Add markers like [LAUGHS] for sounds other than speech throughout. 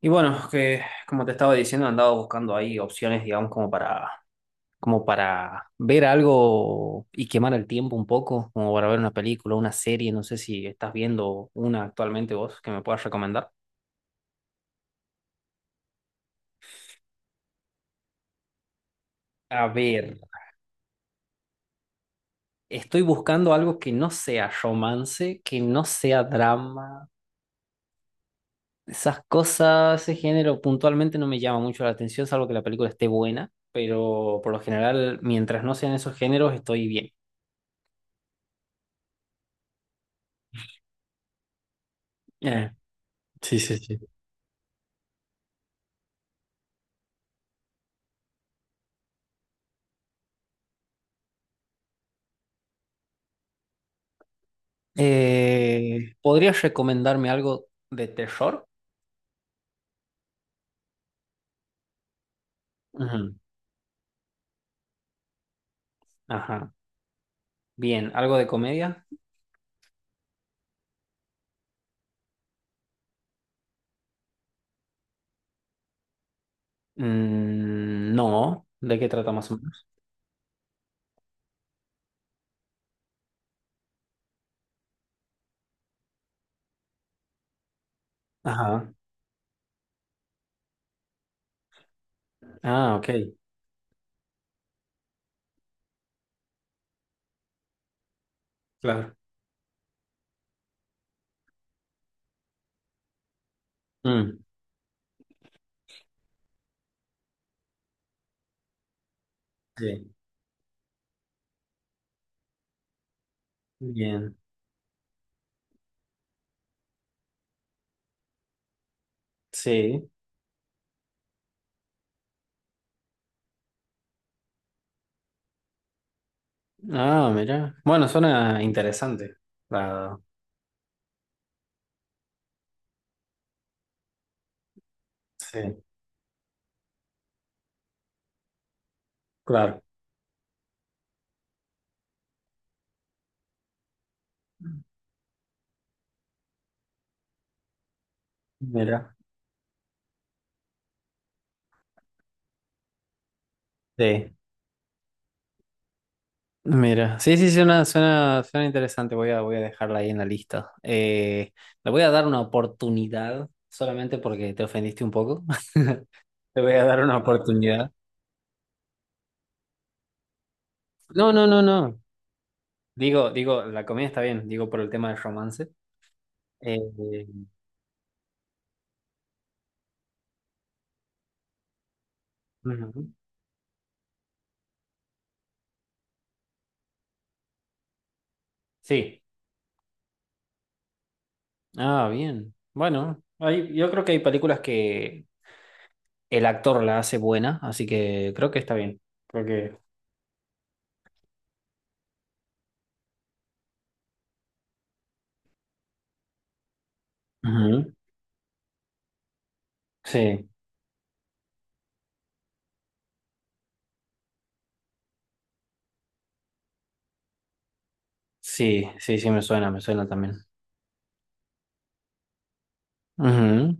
Y bueno, que como te estaba diciendo, andaba buscando ahí opciones, digamos, como para, como para ver algo y quemar el tiempo un poco, como para ver una película, una serie, no sé si estás viendo una actualmente vos que me puedas recomendar. A ver, estoy buscando algo que no sea romance, que no sea drama, esas cosas, ese género puntualmente no me llama mucho la atención, salvo que la película esté buena, pero por lo general, mientras no sean esos géneros, estoy bien. Eh, Sí, sí, sí. ¿Podrías recomendarme algo de terror? Ujú. Ajá. Bien, ¿algo de comedia? Mm, no. ¿De qué trata más o menos? Ajá. Ah, ok. Claro. Mm, sí. Bien. Sí. Ah, mira. Bueno, suena interesante. Claro. Sí, claro. Mira. Sí. Mira, sí, sí, suena interesante. Voy a dejarla ahí en la lista. Le voy a dar una oportunidad, solamente porque te ofendiste un poco. [LAUGHS] Le voy a dar una oportunidad. No, no, no, no. Digo, la comida está bien, digo por el tema del romance. Eh, eh, ujú. Sí. Ah, bien. Bueno, yo creo que hay películas que el actor la hace buena, así que creo que está bien. Creo que. Ujú. Sí, sí, sí, sí, me suena también. Ujú.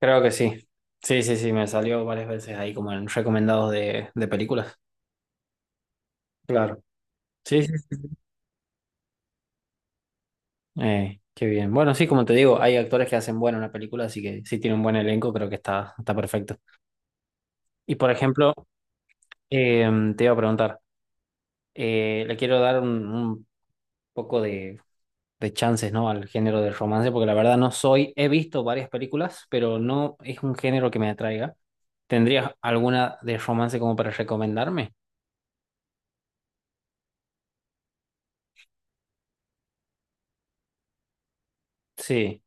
Creo que sí. Sí, sí, sí, me salió varias veces ahí como en recomendados de películas. Claro. Sí, sí. Qué bien. Bueno, sí, como te digo, hay actores que hacen buena una película, así que si tiene un buen elenco, creo que está perfecto. Y por ejemplo, eh, te iba a preguntar, le quiero dar un poco de chances, ¿no? Al género del romance, porque la verdad no soy, he visto varias películas, pero no es un género que me atraiga. ¿Tendrías alguna de romance como para recomendarme? Sí.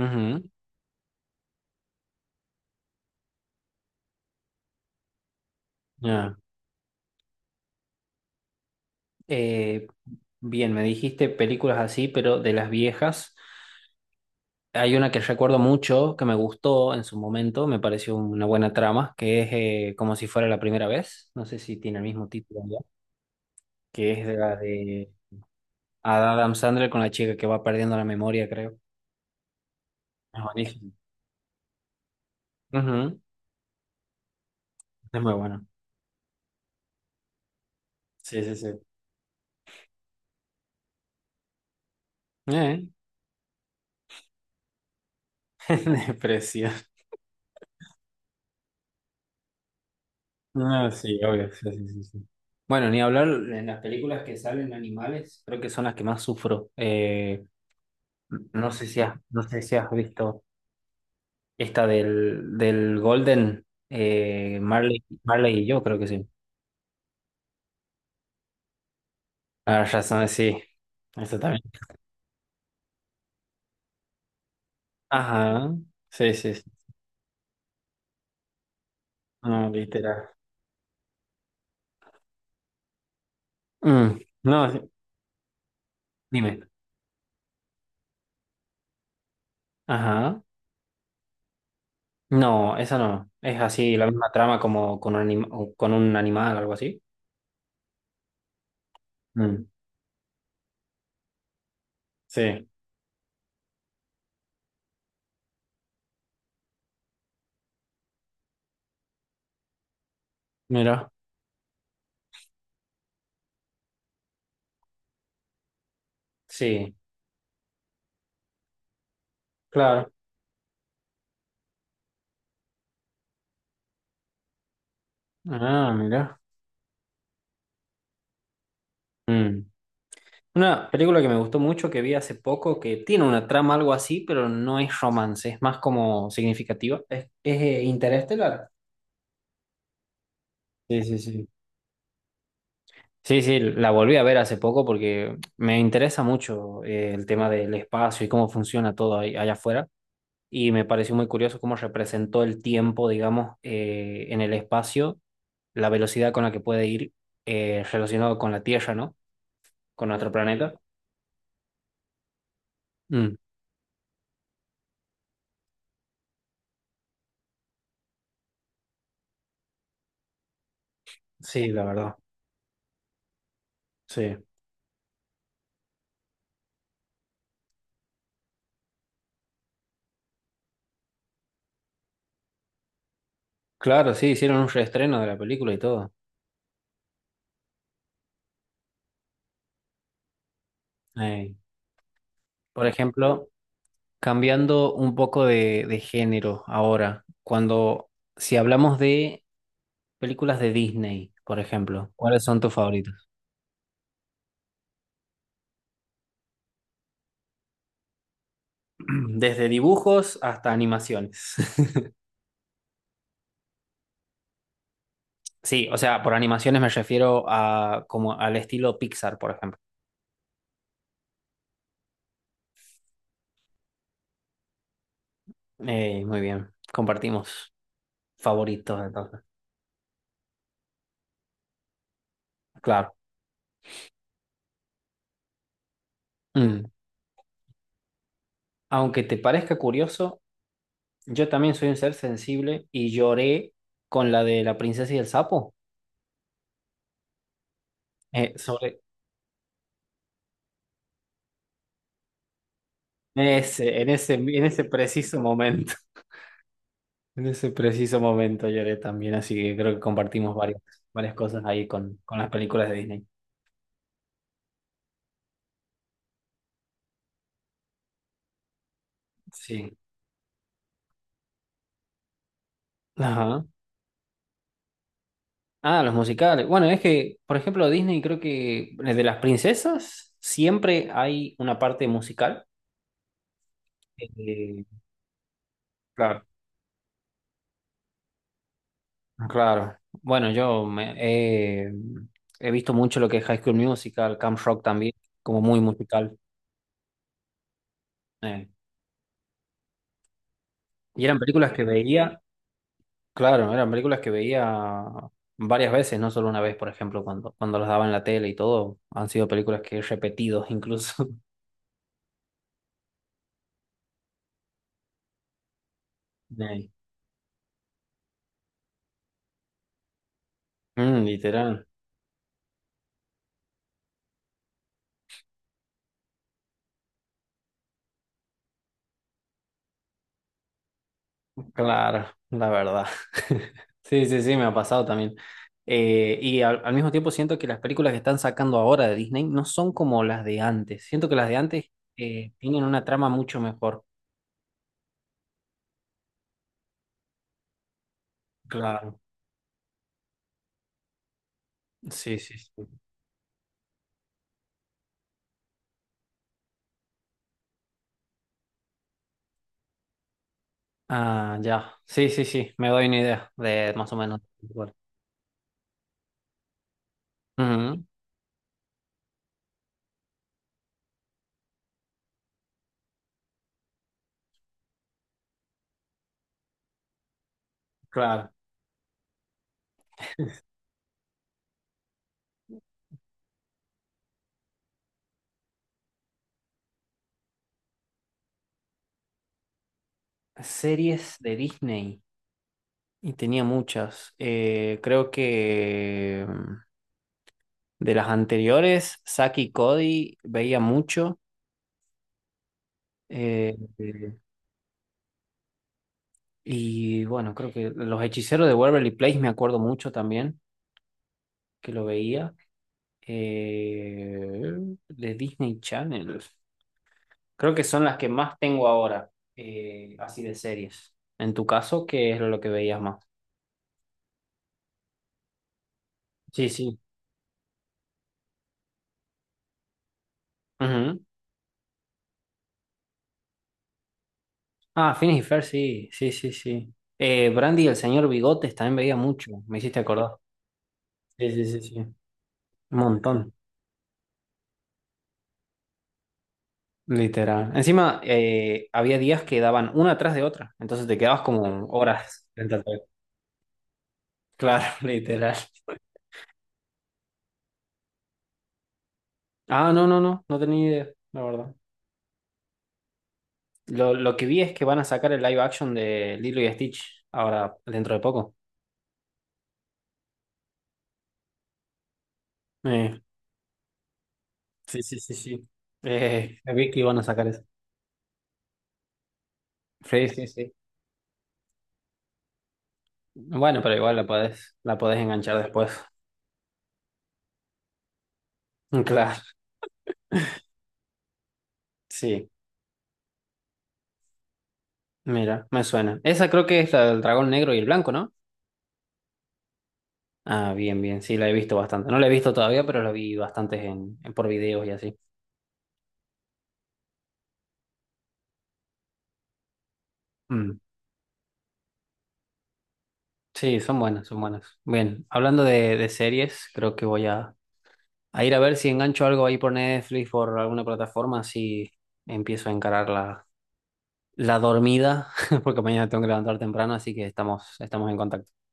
Ujú. Ya. Eh, bien, me dijiste películas así, pero de las viejas. Hay una que recuerdo mucho, que me gustó en su momento, me pareció una buena trama, que es como si fuera la primera vez. No sé si tiene el mismo título ya, que es de Adam Sandler con la chica que va perdiendo la memoria, creo. Es buenísimo. Ujú. Es muy bueno. Sí, sí, sí. Eh, [LAUGHS] Depresión. No, sí, obvio. Sí, sí, sí, sí. Bueno, ni hablar en las películas que salen animales, creo que son las que más sufro. No sé si has visto esta del Golden, Marley y yo, creo que sí. Ah, ya sabes, sí. Eso también. Ajá. Sí, sí, sí. No, literal. Mm, no, sí, dime. Ajá. No, esa no. Es así, la misma trama como con o con un animal, algo así. Mm. Sí. Mira. Sí, claro. Ah, mira. Mm. Una película que me gustó mucho, que vi hace poco, que tiene una trama algo así, pero no es romance, es más como significativa. Es Interestelar. Sí, sí, sí. Sí, sí, la volví a ver hace poco porque me interesa mucho el tema del espacio y cómo funciona todo allá afuera. Y me pareció muy curioso cómo representó el tiempo, digamos, en el espacio, la velocidad con la que puede ir relacionado con la Tierra, ¿no? Con nuestro planeta. Mm, sí, la verdad. Sí. Claro, sí, hicieron un reestreno de la película y todo. Ey. Por ejemplo, cambiando un poco de género ahora, cuando, si hablamos de películas de Disney, por ejemplo, ¿cuáles son tus favoritos? [CLEARS THROAT] Desde dibujos hasta animaciones. [LAUGHS] Sí, o sea, por animaciones me refiero a como al estilo Pixar, por ejemplo. Muy bien, compartimos favoritos entonces. Claro. Mm. Aunque te parezca curioso, yo también soy un ser sensible y lloré con la de la princesa y el sapo. Sobre en ese preciso momento. [LAUGHS] En ese preciso momento lloré también, así que creo que compartimos varias cosas ahí con las películas de Disney. Sí. Ajá. Ah, los musicales. Bueno, es que, por ejemplo, Disney creo que de las princesas siempre hay una parte musical. Eh, claro. Claro. Bueno, he visto mucho lo que es High School Musical, Camp Rock también, como muy musical. eh. Y eran películas que veía, claro, eran películas que veía varias veces, no solo una vez, por ejemplo, cuando las daban en la tele y todo. Han sido películas que he repetido incluso. [LAUGHS] Eh, literal. Claro, la verdad. [LAUGHS] Sí, sí, sí, me ha pasado también. Y al mismo tiempo siento que las películas que están sacando ahora de Disney no son como las de antes. Siento que las de antes tienen una trama mucho mejor. Claro. Sí, sí, sí. Ah, ya. Sí, sí, sí. Me doy una idea de más o menos. Bueno. Ujú. Claro. Series de Disney. Y tenía muchas. Creo que de las anteriores, Zack y Cody veía mucho. Eh, eh, y bueno, creo que Los Hechiceros de Waverly Place me acuerdo mucho también, que lo veía. Eh, de Disney Channel. Creo que son las que más tengo ahora, así de series. En tu caso, ¿qué es lo que veías más? Sí, sí. Ujú. Ah, Phineas y Fer sí, sí, sí, sí. Brandy y el señor Bigotes también veía mucho, me hiciste acordar. Sí, sí, sí, sí. Un montón. Literal. Encima, había días que daban una atrás de otra, entonces te quedabas como horas frente al TV. Claro, [LAUGHS] literal. Ah, no, no, no, no tenía idea, la verdad. Lo que vi es que van a sacar el live action de Lilo y Stitch ahora, dentro de poco. Eh, sí, sí, sí, sí. Vi que iban a sacar eso. Sí, sí, sí. Bueno, pero igual la podés enganchar después. [LAUGHS] Claro, sí. Mira, me suena. Esa creo que es la del dragón negro y el blanco, ¿no? Ah, bien, bien, sí, la he visto bastante. No la he visto todavía, pero la vi bastantes por videos y así. Mm. Sí, son buenas, son buenas. Bien, hablando de series, creo que a ir a ver si engancho algo ahí por Netflix, por alguna plataforma, así empiezo a encarar la dormida, [LAUGHS] porque mañana tengo que levantar temprano, así que estamos en contacto.